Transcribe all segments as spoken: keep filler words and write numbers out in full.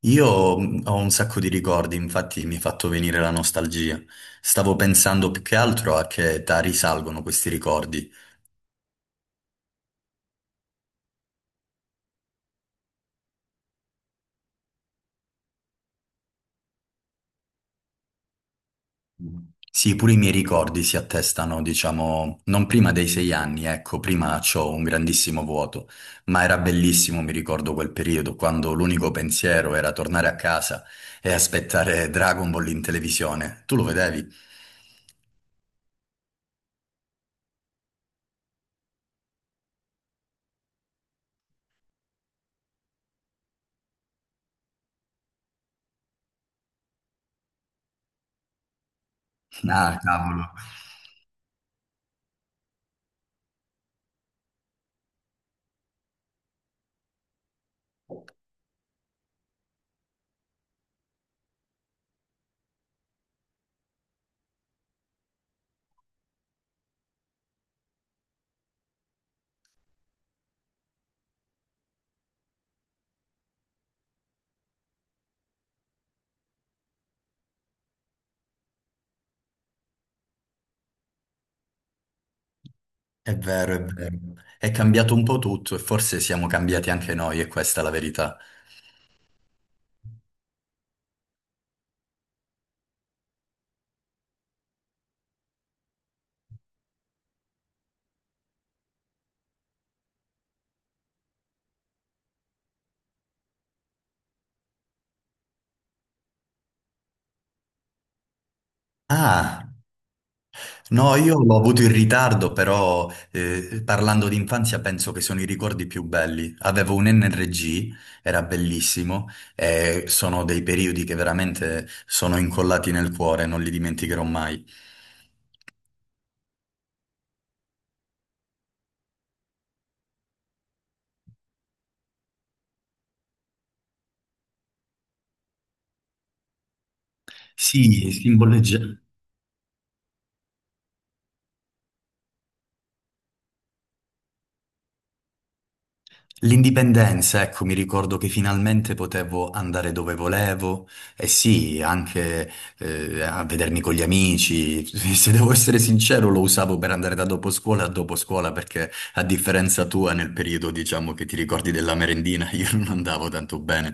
Io mh, ho un sacco di ricordi, infatti mi ha fatto venire la nostalgia. Stavo pensando più che altro a che età risalgono questi ricordi. Sì, pure i miei ricordi si attestano, diciamo, non prima dei sei anni, ecco, prima c'ho un grandissimo vuoto, ma era bellissimo, mi ricordo quel periodo, quando l'unico pensiero era tornare a casa e aspettare Dragon Ball in televisione. Tu lo vedevi? Ah, cavolo. È vero, è vero. È cambiato un po' tutto e forse siamo cambiati anche noi, e questa è la verità. Ah, no, io l'ho avuto in ritardo, però eh, parlando di infanzia penso che sono i ricordi più belli. Avevo un N R G, era bellissimo, e sono dei periodi che veramente sono incollati nel cuore, non li dimenticherò mai. Sì, simboleggia. L'indipendenza, ecco, mi ricordo che finalmente potevo andare dove volevo e sì, anche eh, a vedermi con gli amici. Se devo essere sincero, lo usavo per andare da dopo scuola a dopo scuola perché a differenza tua, nel periodo, diciamo, che ti ricordi della merendina, io non andavo tanto bene.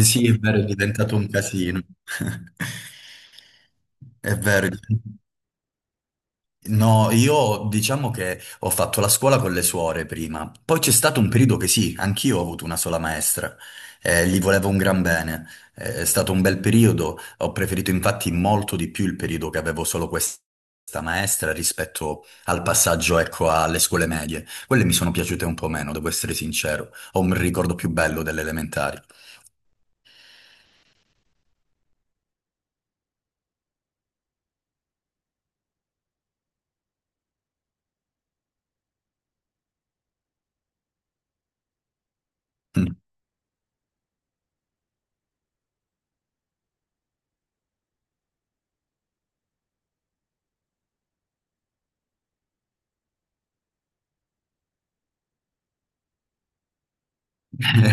Sì, è vero, è diventato un casino. È vero. No, io diciamo che ho fatto la scuola con le suore prima, poi c'è stato un periodo che sì, anch'io ho avuto una sola maestra, eh, gli volevo un gran bene. Eh, è stato un bel periodo, ho preferito infatti molto di più il periodo che avevo solo questa maestra rispetto al passaggio, ecco, alle scuole medie. Quelle mi sono piaciute un po' meno, devo essere sincero, ho un ricordo più bello delle elementari.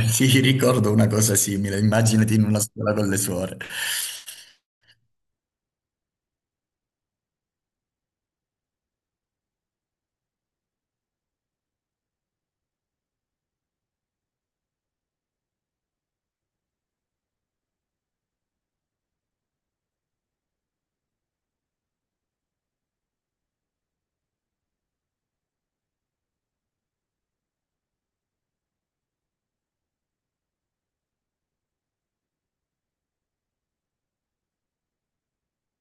Sì, ricordo una cosa simile, immaginati in una scuola con le suore.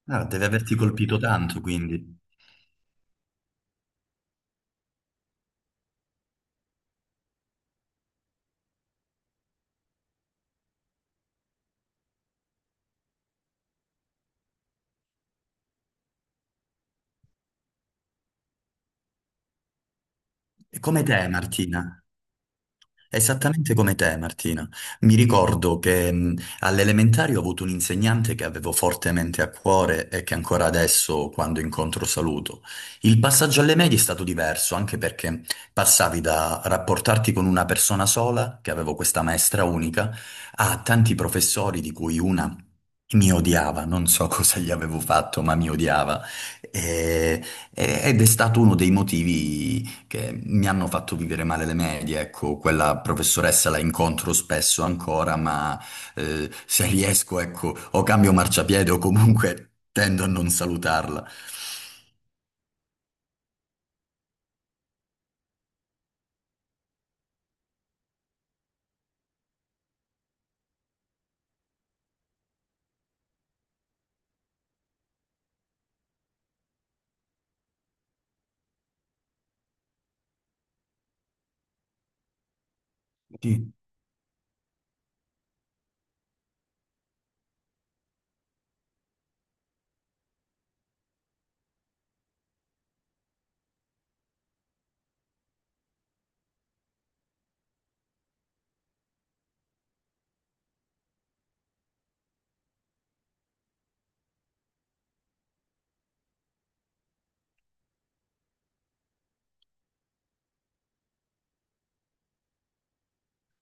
Ah, deve averti colpito tanto, quindi. E come te, Martina? Esattamente come te, Martina. Mi ricordo che mh, all'elementare ho avuto un insegnante che avevo fortemente a cuore e che ancora adesso, quando incontro, saluto. Il passaggio alle medie è stato diverso, anche perché passavi da rapportarti con una persona sola, che avevo questa maestra unica, a tanti professori di cui una mi odiava, non so cosa gli avevo fatto, ma mi odiava. E- ed è stato uno dei motivi che mi hanno fatto vivere male le medie, ecco, quella professoressa la incontro spesso ancora, ma eh, se riesco, ecco, o cambio marciapiede o comunque tendo a non salutarla. Sì.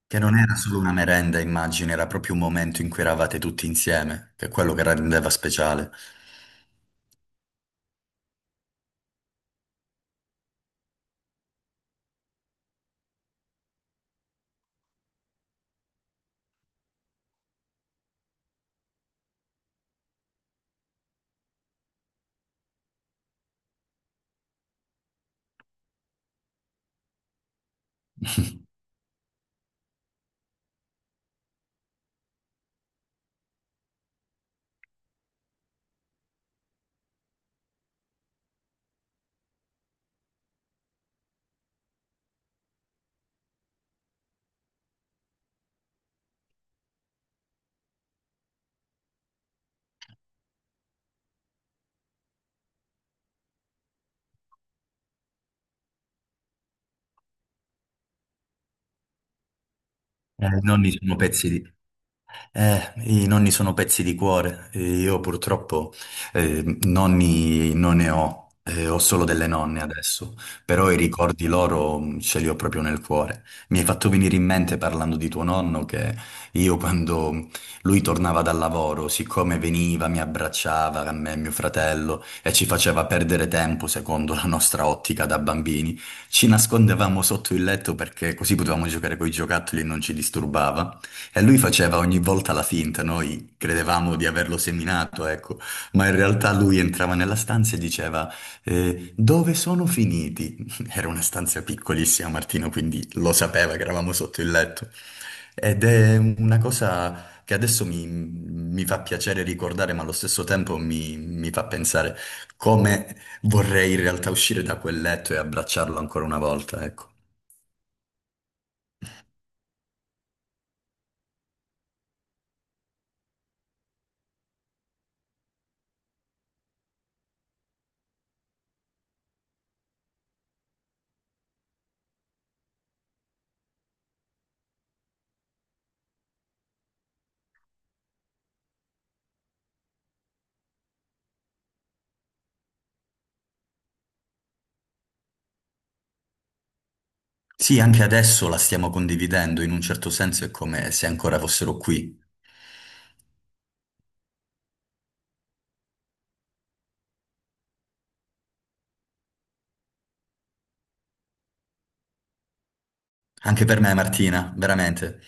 Che non era solo una merenda, immagino, era proprio un momento in cui eravate tutti insieme, che è quello che rendeva speciale. Eh, I nonni sono pezzi di, Eh, i nonni sono pezzi di cuore, e io purtroppo eh, nonni non ne ho, eh, ho solo delle nonne adesso, però i ricordi loro mh, ce li ho proprio nel cuore. Mi hai fatto venire in mente parlando di tuo nonno che io quando lui tornava dal lavoro, siccome veniva, mi abbracciava, a me e mio fratello, e ci faceva perdere tempo secondo la nostra ottica da bambini, ci nascondevamo sotto il letto perché così potevamo giocare con i giocattoli e non ci disturbava. E lui faceva ogni volta la finta, noi credevamo di averlo seminato, ecco, ma in realtà lui entrava nella stanza e diceva eh, dove sono finiti? Era una stanza piccolissima, Martino, quindi lo sapeva che eravamo sotto il letto. Ed è una cosa che adesso mi, mi fa piacere ricordare, ma allo stesso tempo mi, mi fa pensare come vorrei in realtà uscire da quel letto e abbracciarlo ancora una volta, ecco. Sì, anche adesso la stiamo condividendo, in un certo senso è come se ancora fossero qui. Anche per me, Martina, veramente.